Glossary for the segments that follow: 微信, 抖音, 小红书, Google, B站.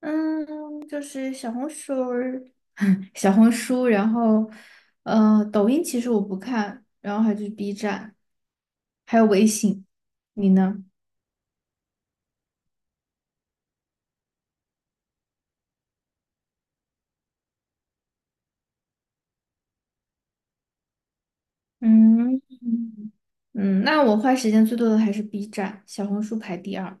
嗯，就是小红书儿，小红书，然后，抖音其实我不看，然后还有就是 B 站，还有微信。你呢？嗯嗯，那我花时间最多的还是 B 站，小红书排第二。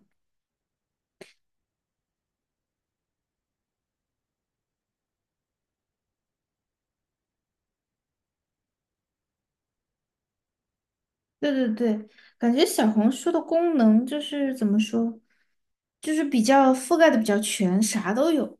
对对对，感觉小红书的功能就是怎么说，就是比较覆盖的比较全，啥都有。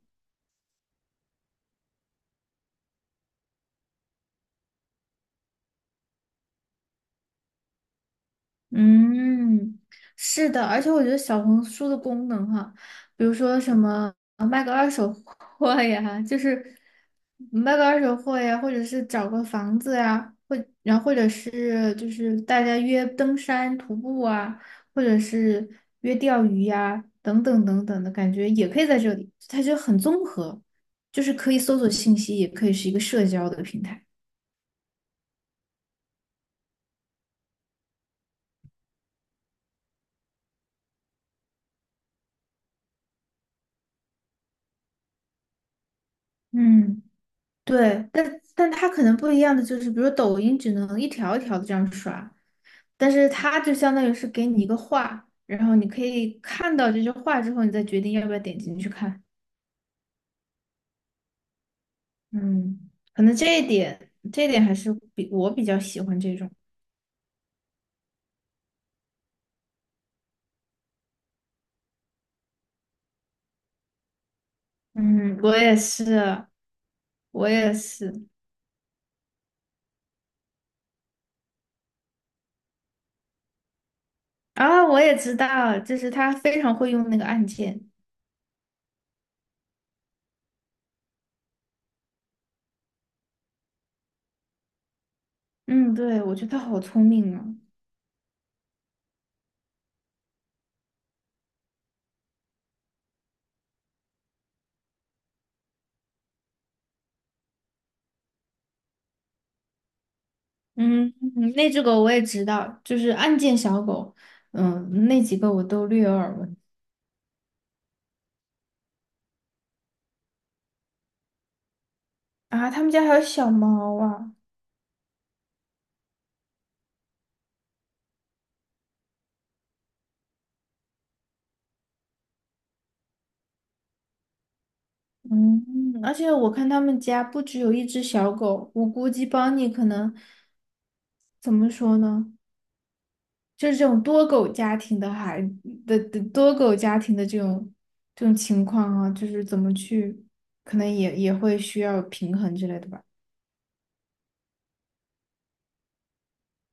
嗯，是的，而且我觉得小红书的功能哈，比如说什么卖个二手货呀，就是卖个二手货呀，或者是找个房子呀，然后或者是就是大家约登山徒步啊，或者是约钓鱼呀，等等等等的感觉也可以在这里，它就很综合，就是可以搜索信息，也可以是一个社交的平台。嗯。对，但它可能不一样的就是，比如抖音只能一条一条的这样刷，但是它就相当于是给你一个话，然后你可以看到这句话之后，你再决定要不要点进去看。嗯，可能这一点还是比我比较喜欢这种。嗯，我也是，我也是啊，我也知道，就是他非常会用那个按键。嗯，对，我觉得他好聪明啊。嗯，嗯那只狗我也知道，就是案件小狗，嗯，那几个我都略有耳闻啊。他们家还有小猫啊，嗯，而且我看他们家不只有一只小狗，我估计邦尼可能怎么说呢，就是这种多狗家庭的这种情况啊，就是怎么去，可能也会需要平衡之类的吧。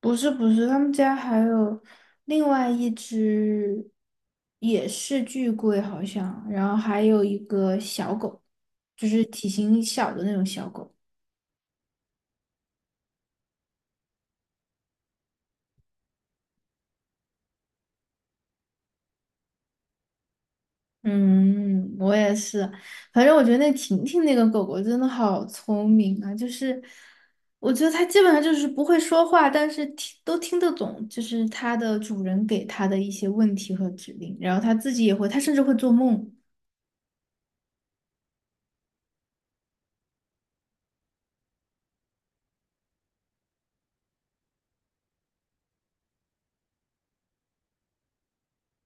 不是不是，他们家还有另外一只，也是巨贵好像，然后还有一个小狗，就是体型小的那种小狗。嗯，我也是，反正我觉得那婷婷那个狗狗真的好聪明啊，就是我觉得它基本上就是不会说话，但是听都听得懂，就是它的主人给它的一些问题和指令，然后它自己也会，它甚至会做梦。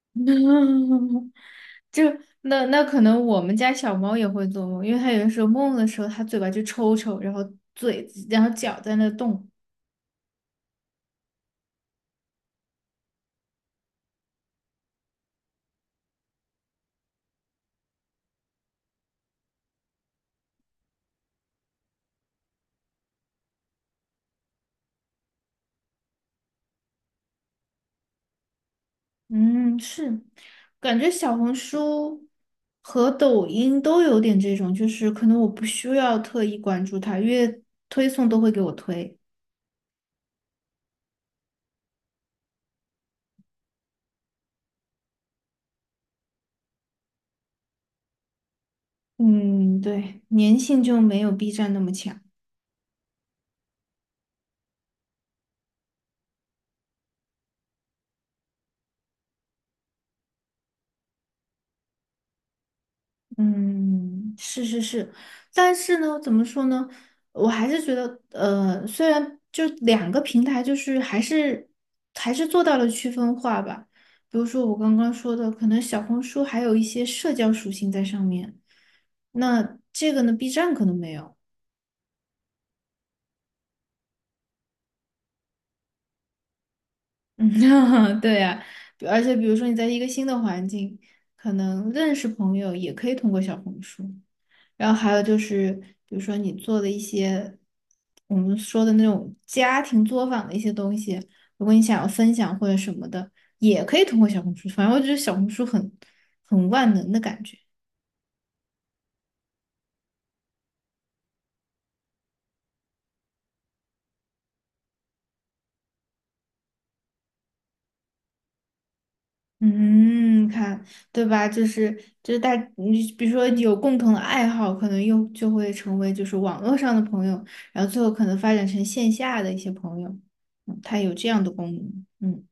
就那可能我们家小猫也会做梦，因为它有的时候梦的时候，它嘴巴就抽抽，然后嘴然后脚在那动。嗯，是，感觉小红书和抖音都有点这种，就是可能我不需要特意关注它，因为推送都会给我推。嗯，对，粘性就没有 B 站那么强。嗯，是是是，但是呢，怎么说呢？我还是觉得，虽然就两个平台，就是还是做到了区分化吧。比如说我刚刚说的，可能小红书还有一些社交属性在上面，那这个呢，B 站可能没有。嗯，对呀，而且比如说你在一个新的环境，可能认识朋友也可以通过小红书。然后还有就是，比如说你做的一些我们说的那种家庭作坊的一些东西，如果你想要分享或者什么的，也可以通过小红书。反正我觉得小红书很很万能的感觉。嗯，看，对吧？就是，你比如说有共同的爱好，可能又就会成为就是网络上的朋友，然后最后可能发展成线下的一些朋友。嗯，它有这样的功能。嗯。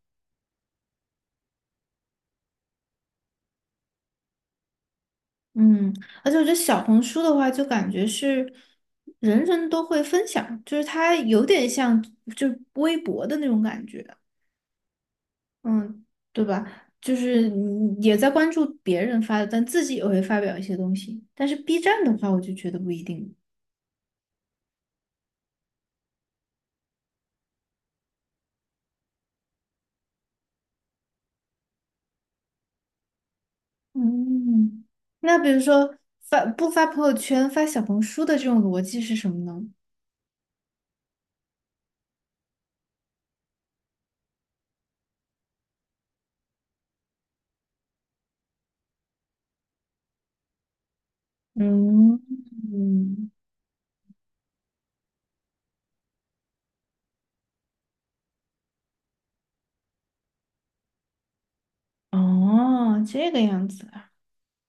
嗯，而且我觉得小红书的话，就感觉是人人都会分享，就是它有点像就微博的那种感觉，嗯，对吧？就是你也在关注别人发的，但自己也会发表一些东西。但是 B 站的话，我就觉得不一定。嗯，那比如说发不发朋友圈，发小红书的这种逻辑是什么呢？嗯，嗯哦，这个样子。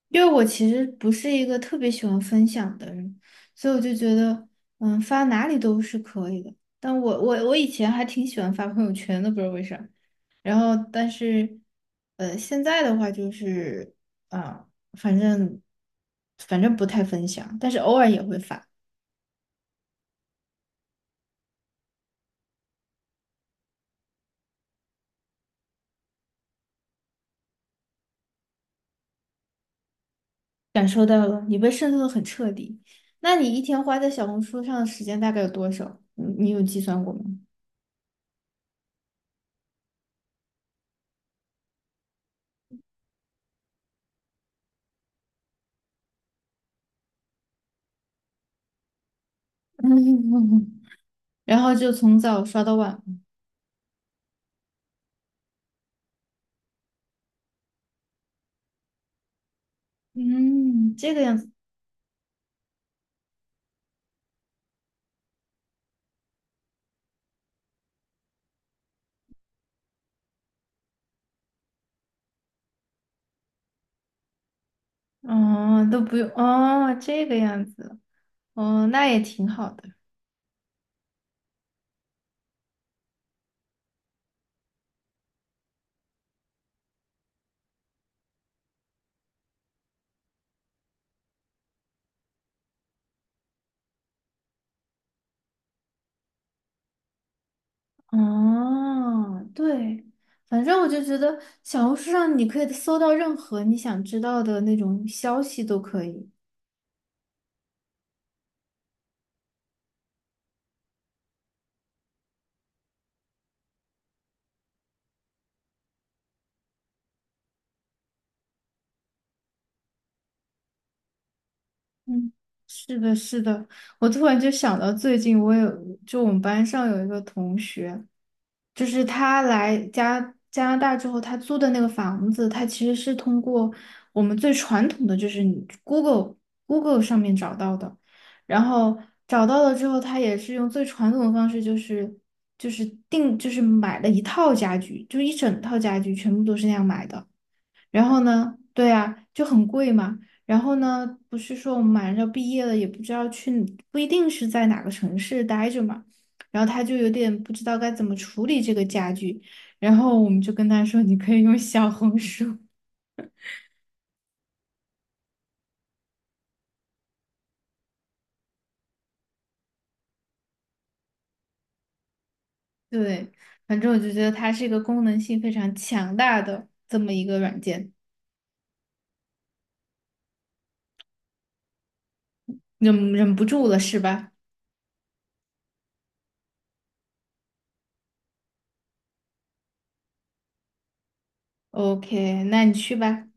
因为我其实不是一个特别喜欢分享的人，所以我就觉得，嗯，发哪里都是可以的。但我以前还挺喜欢发朋友圈的，不知道为啥。然后，但是，现在的话就是，啊、反正反正不太分享，但是偶尔也会发。感受到了，你被渗透的很彻底。那你一天花在小红书上的时间大概有多少？你有计算过吗？然后就从早刷到晚。嗯，这个样子，哦，都不用，哦，这个样子，哦，那也挺好的，哦，对，反正我就觉得小红书上你可以搜到任何你想知道的那种消息都可以。嗯，是的，是的，我突然就想到最近我有，就我们班上有一个同学，就是他来加拿大之后，他租的那个房子，他其实是通过我们最传统的，就是你 Google 上面找到的，然后找到了之后，他也是用最传统的方式，就是就是买了一套家具，就一整套家具全部都是那样买的。然后呢，对啊，就很贵嘛。然后呢，不是说我们马上要毕业了，也不知道去，不一定是在哪个城市待着嘛。然后他就有点不知道该怎么处理这个家具，然后我们就跟他说，你可以用小红书。对，反正我就觉得它是一个功能性非常强大的这么一个软件，忍不住了是吧？OK,那你去吧。